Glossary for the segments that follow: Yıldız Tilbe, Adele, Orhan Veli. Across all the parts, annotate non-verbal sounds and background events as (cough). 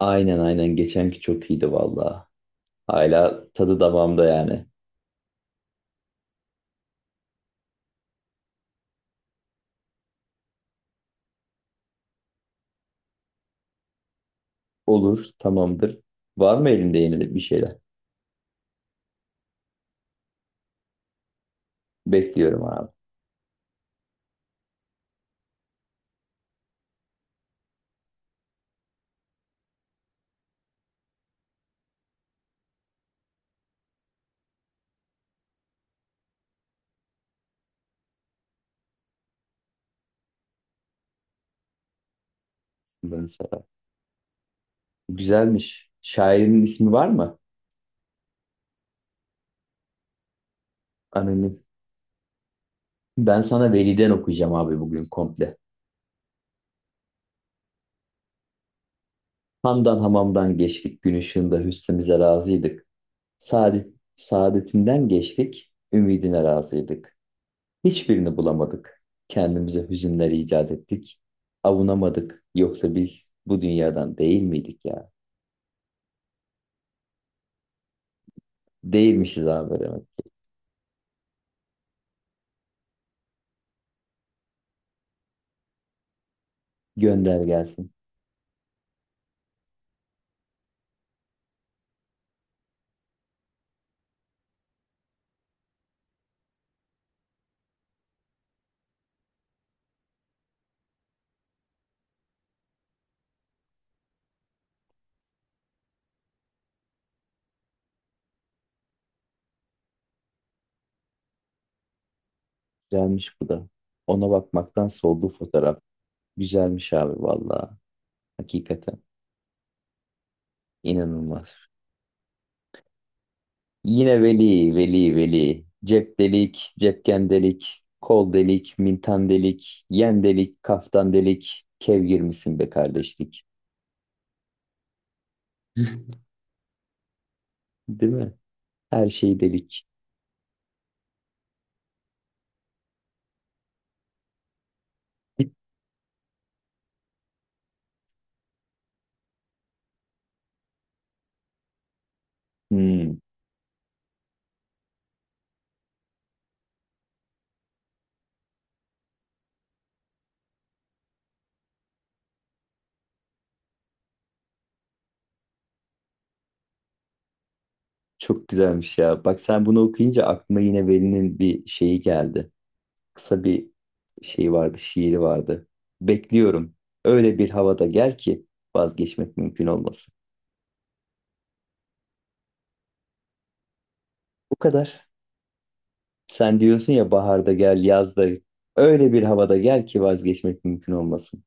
Aynen, aynen, geçenki çok iyiydi valla. Hala tadı damağımda yani. Olur, tamamdır. Var mı elinde yeni de bir şeyler? Bekliyorum abi. Ben sana. Güzelmiş. Şairin ismi var mı? Anonim. Ben sana Veli'den okuyacağım abi bugün komple. Hamdan hamamdan geçtik. Gün ışığında hüsnümüze razıydık. Saadet, saadetinden geçtik. Ümidine razıydık. Hiçbirini bulamadık. Kendimize hüzünler icat ettik. Avunamadık. Yoksa biz bu dünyadan değil miydik ya? Değilmişiz abi demek. Gönder gelsin. Güzelmiş bu da. Ona bakmaktan soldu fotoğraf. Güzelmiş abi valla. Hakikaten. İnanılmaz. Yine veli, veli, veli. Cep delik, cepken delik. Kol delik, mintan delik. Yen delik, kaftan delik. Kev girmişsin be kardeşlik. Değil mi? Her şey delik. Hmm. Çok güzelmiş ya. Bak sen bunu okuyunca aklıma yine Veli'nin bir şeyi geldi. Kısa bir şey vardı, şiiri vardı. Bekliyorum. Öyle bir havada gel ki vazgeçmek mümkün olmasın. Bu kadar. Sen diyorsun ya baharda gel, yazda öyle bir havada gel ki vazgeçmek mümkün olmasın.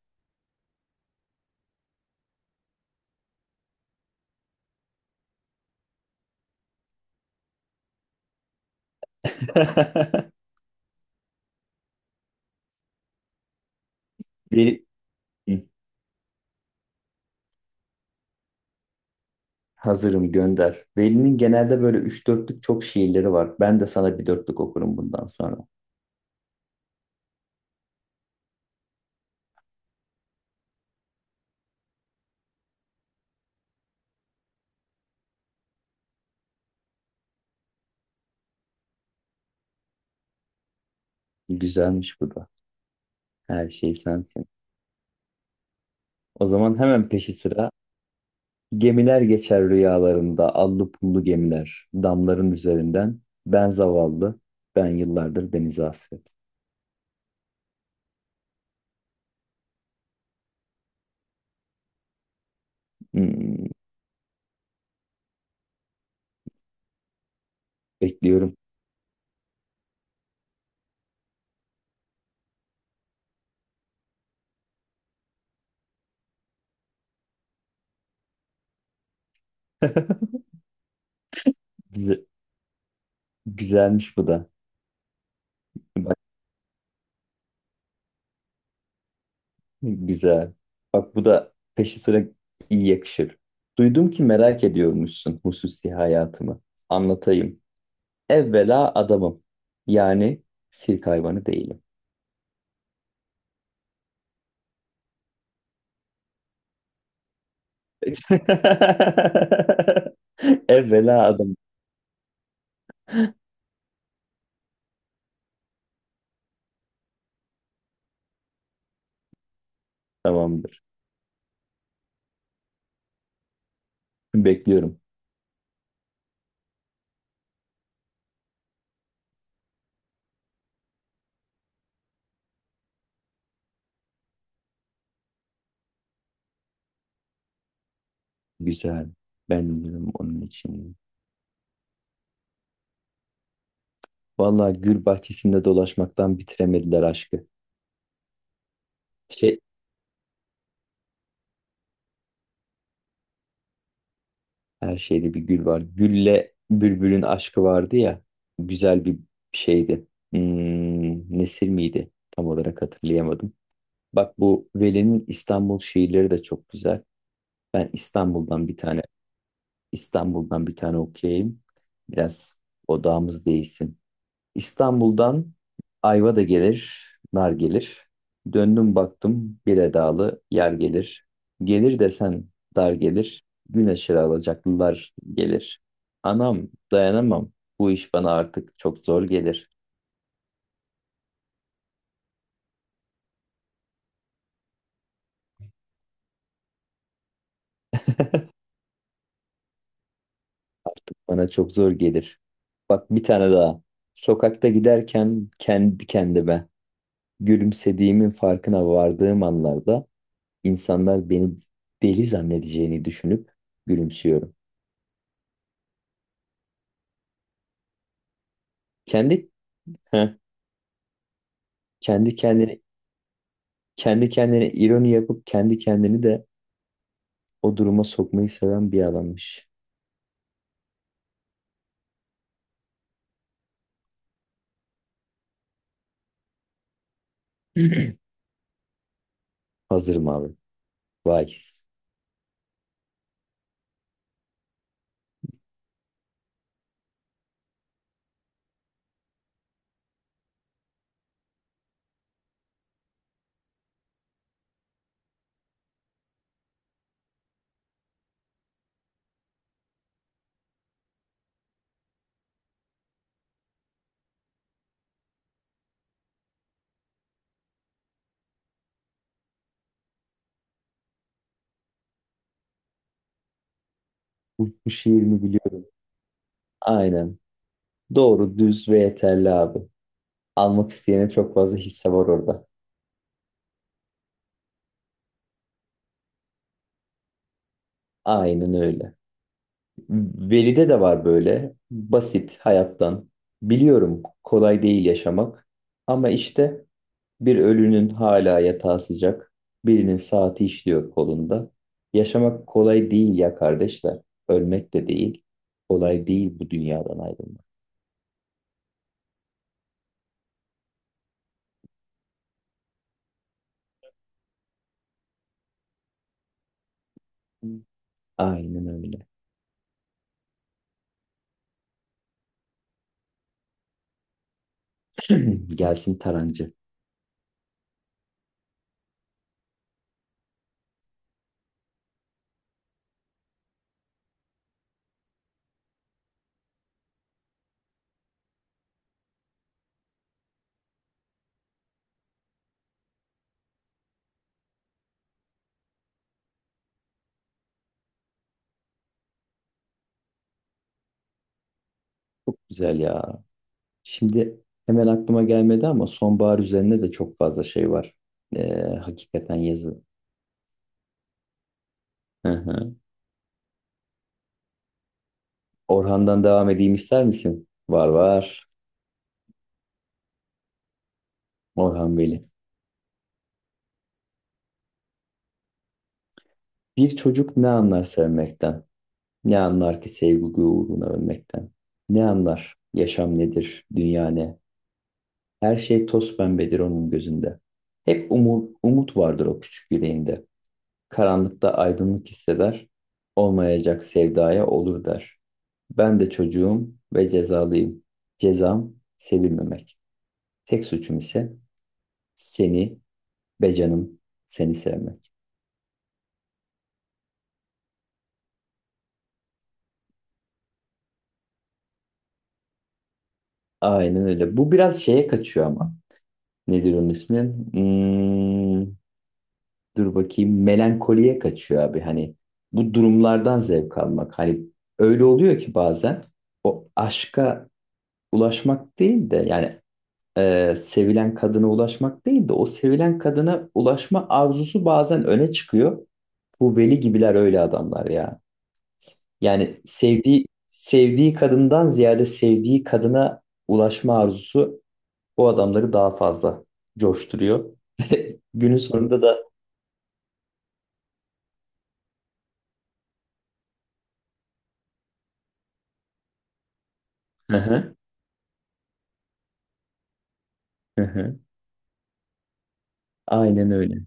(laughs) Veli. Hı, hazırım, gönder. Veli'nin genelde böyle üç dörtlük çok şiirleri var. Ben de sana bir dörtlük okurum bundan sonra. Güzelmiş bu da. Her şey sensin. O zaman hemen peşi sıra. Gemiler geçer rüyalarında, allı pullu gemiler, damların üzerinden. Ben zavallı, ben yıllardır denize hasret. Hmm, bekliyorum. (laughs) Güze- güzelmiş bu da. Bak, güzel. Bak bu da peşi sıra iyi yakışır. Duydum ki merak ediyormuşsun hususi hayatımı. Anlatayım. Evvela adamım. Yani sirk hayvanı değilim. (laughs) Evvela adam, tamamdır. Bekliyorum. Güzel. Ben diyorum onun için. Vallahi gül bahçesinde dolaşmaktan bitiremediler aşkı. Şey, her şeyde bir gül var. Gülle bülbülün aşkı vardı ya. Güzel bir şeydi. Nesir miydi? Tam olarak hatırlayamadım. Bak bu Veli'nin İstanbul şiirleri de çok güzel. Ben İstanbul'dan bir tane okuyayım. Biraz odağımız değişsin. İstanbul'dan ayva da gelir, nar gelir. Döndüm baktım bir edalı yer gelir. Gelir desen dar gelir, güneşe alacaklılar gelir. Anam dayanamam, bu iş bana artık çok zor gelir. Artık bana çok zor gelir. Bak bir tane daha. Sokakta giderken kendi kendime gülümsediğimin farkına vardığım anlarda insanlar beni deli zannedeceğini düşünüp gülümsüyorum. Kendi (laughs) Kendi kendine kendi kendine ironi yapıp kendi kendini de o duruma sokmayı seven bir adammış. Hazırım abi. Vay. Bu şiirimi biliyorum. Aynen. Doğru, düz ve yeterli abi. Almak isteyene çok fazla hisse var orada. Aynen öyle. Veli'de de var böyle. Basit hayattan. Biliyorum kolay değil yaşamak. Ama işte bir ölünün hala yatağı sıcak, birinin saati işliyor kolunda. Yaşamak kolay değil ya kardeşler. Ölmek de değil. Kolay değil bu dünyadan ayrılmak. Aynen öyle. (clears throat) Gelsin Tarancı. Çok güzel ya. Şimdi hemen aklıma gelmedi ama sonbahar üzerine de çok fazla şey var. Hakikaten yazı. Hı hı. Orhan'dan devam edeyim ister misin? Var, var. Orhan Veli. Bir çocuk ne anlar sevmekten? Ne anlar ki sevgi uğruna ölmekten? Ne anlar yaşam nedir, dünya ne? Her şey toz pembedir onun gözünde. Hep umut, umut vardır o küçük yüreğinde. Karanlıkta aydınlık hisseder, olmayacak sevdaya olur der. Ben de çocuğum ve cezalıyım. Cezam sevilmemek. Tek suçum ise seni be canım seni sevmek. Aynen öyle. Bu biraz şeye kaçıyor ama. Nedir onun ismi? Hmm, Dur bakayım, melankoliye kaçıyor abi, hani bu durumlardan zevk almak, hani öyle oluyor ki bazen o aşka ulaşmak değil de yani sevilen kadına ulaşmak değil de o sevilen kadına ulaşma arzusu bazen öne çıkıyor. Bu veli gibiler öyle adamlar ya. Yani sevdiği kadından ziyade sevdiği kadına ulaşma arzusu o adamları daha fazla coşturuyor. (laughs) Günün sonunda da hı hı. Hı hı. Aynen öyle.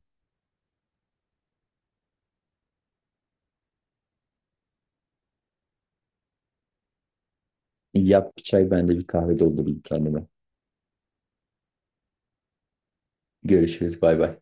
Yap bir çay, ben de bir kahve doldurayım kendime. Görüşürüz, bay bay.